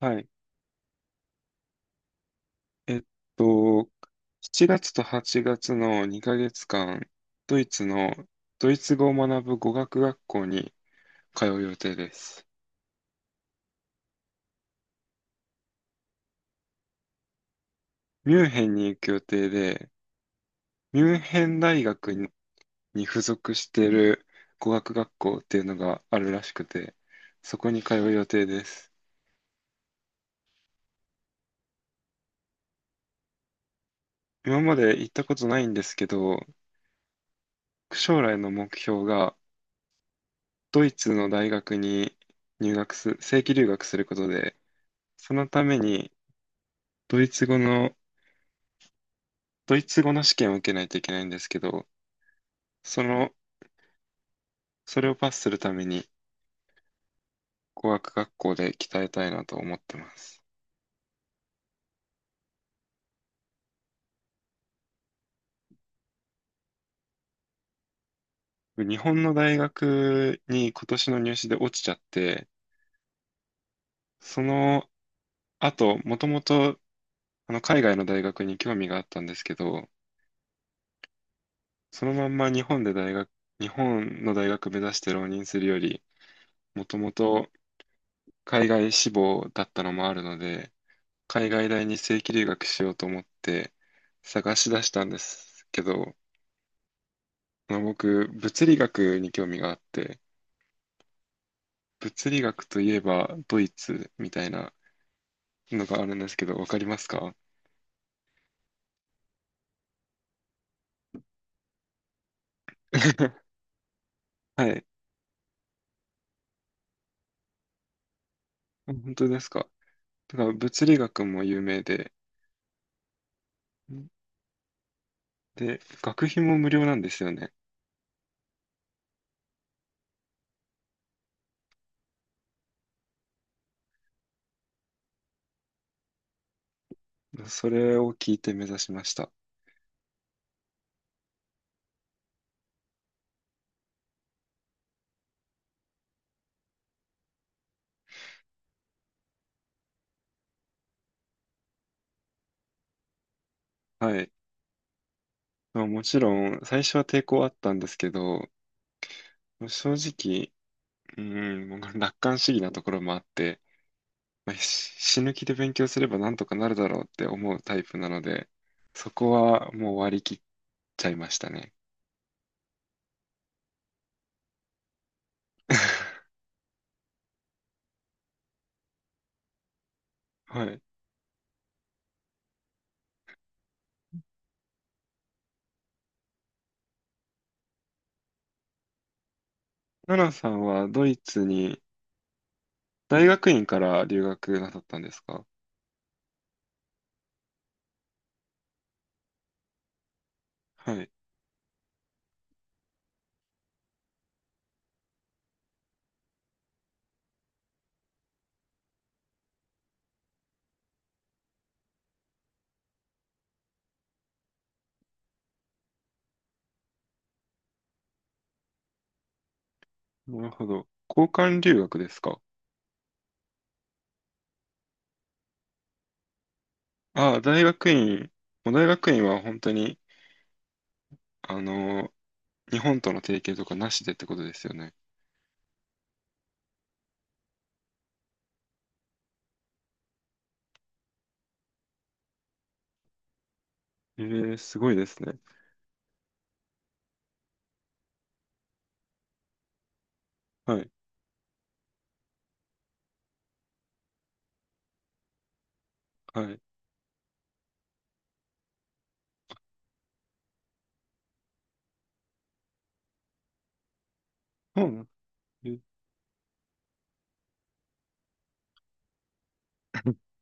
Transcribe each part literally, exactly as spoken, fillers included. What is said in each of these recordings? はい。えっと、しちがつとはちがつのにかげつかん、ドイツの、ドイツ語を学ぶ語学学校に通う予定です。ミュンヘンに行く予定で、ミュンヘン大学にに付属している語学学校っていうのがあるらしくて、そこに通う予定です。今まで行ったことないんですけど、将来の目標がドイツの大学に入学す、正規留学することで、そのためにドイツ語の、ドイツ語の試験を受けないといけないんですけど、その、それをパスするために語学学校で鍛えたいなと思ってます。日本の大学に今年の入試で落ちちゃって、その後、もともとあの海外の大学に興味があったんですけど、そのまんま日本で大学、日本の大学目指して浪人するより、もともと海外志望だったのもあるので、海外大に正規留学しようと思って探し出したんですけど、まあ、僕、物理学に興味があって、物理学といえばドイツみたいなのがあるんですけど、わかりますか？ はい。本当ですか。だから物理学も有名で、で、学費も無料なんですよね。それを聞いて目指しました。はい。まあ、もちろん、最初は抵抗あったんですけど、正直、うん、もう楽観主義なところもあって、まあ、し死ぬ気で勉強すればなんとかなるだろうって思うタイプなので、そこはもう割り切っちゃいましたね。はい。ナナさんはドイツに大学院から留学なさったんですか？はい。なるほど。交換留学ですか？ああ、大学院。もう大学院は本当に、あの、日本との提携とかなしでってことですよね。ええ、すごいですね。はい。はい。そうなんえ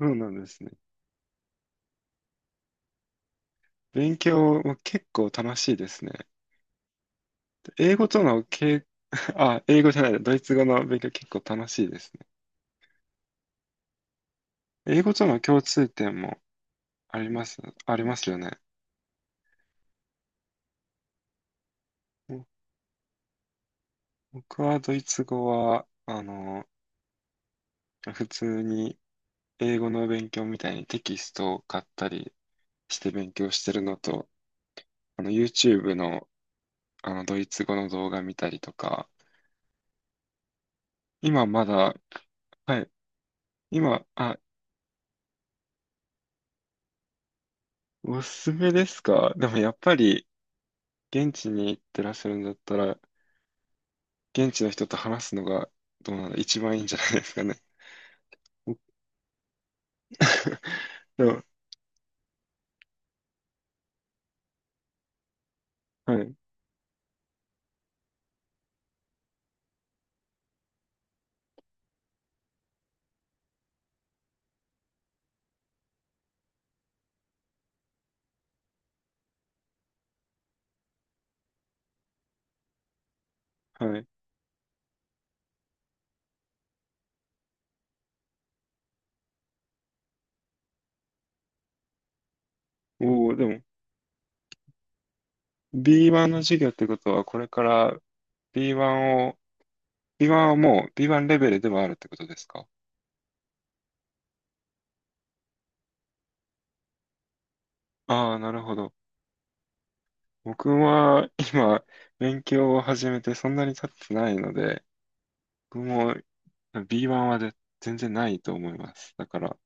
そうなんですね。勉強も結構楽しいですね。英語とのけ、あ、英語じゃない、ドイツ語の勉強結構楽しいですね。英語との共通点もあります、ありますよね。ぼ僕はドイツ語は、あの、普通に英語の勉強みたいにテキストを買ったりして勉強してるのと、あの、YouTube の、あの、ドイツ語の動画見たりとか、今まだ、はい、今、あ、おすすめですか？でもやっぱり、現地に行ってらっしゃるんだったら、現地の人と話すのがどうなんだ、一番いいんじゃないですかね。僕 でも、はい、はい。おお、でも、ビーワン の授業ってことは、これから ビーワン を、ビーワン はもう ビーワン レベルではあるってことですか？ああ、なるほど。僕は今、勉強を始めてそんなに経ってないので、僕も ビーワン はで全然ないと思います。だから、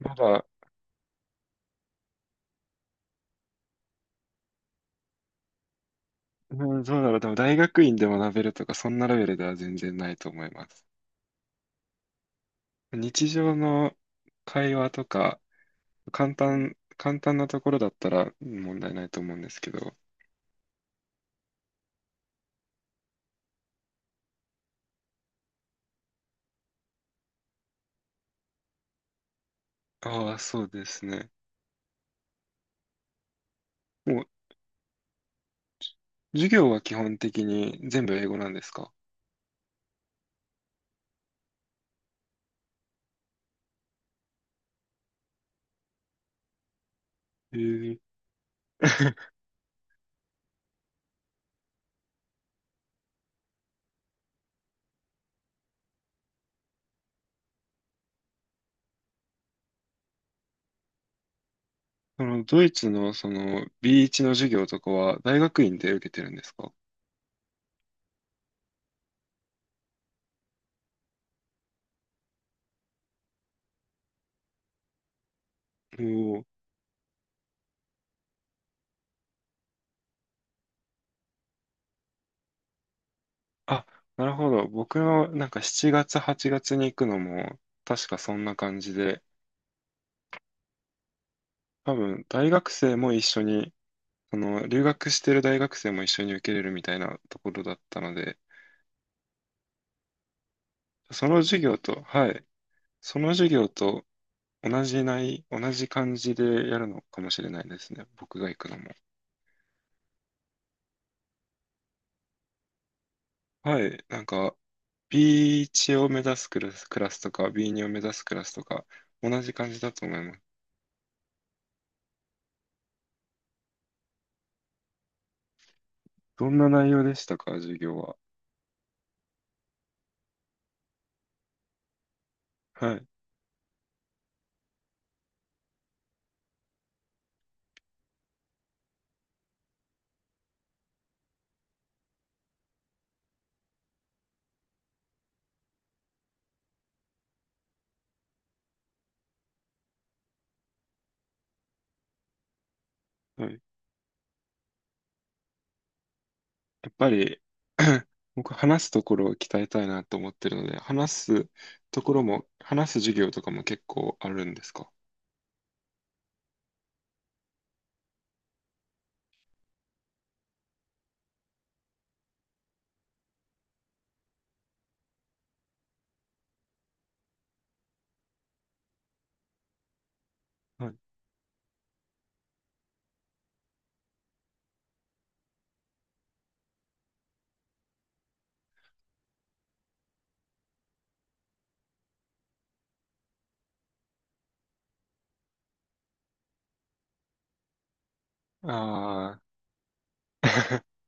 まだ、うん、そうだろう。でも大学院で学べるとか、そんなレベルでは全然ないと思います。日常の会話とか、簡単、簡単なところだったら問題ないと思うんですけど。ああ、そうですね。もう、授業は基本的に全部英語なんですか？ええ。その、ドイツのその ビーワン の授業とかは大学院で受けてるんですか？おお。あ、なるほど。僕のなんかしちがつ、はちがつに行くのも、確かそんな感じで、多分、大学生も一緒に、その、留学してる大学生も一緒に受けれるみたいなところだったので、その授業と、はい、その授業と同じない、同じ感じでやるのかもしれないですね。僕が行くのも。はい、なんか、ビーワン を目指すクラス、クラスとか、ビーツー を目指すクラスとか、同じ感じだと思います。どんな内容でしたか、授業は。はい、はい。やっぱり 僕話すところを鍛えたいなと思ってるので、話すところも、話す授業とかも結構あるんですか？はい。ああ、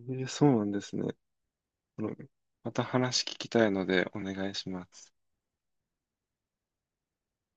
えーそうなんですね。あのまた話聞きたいのでお願いします。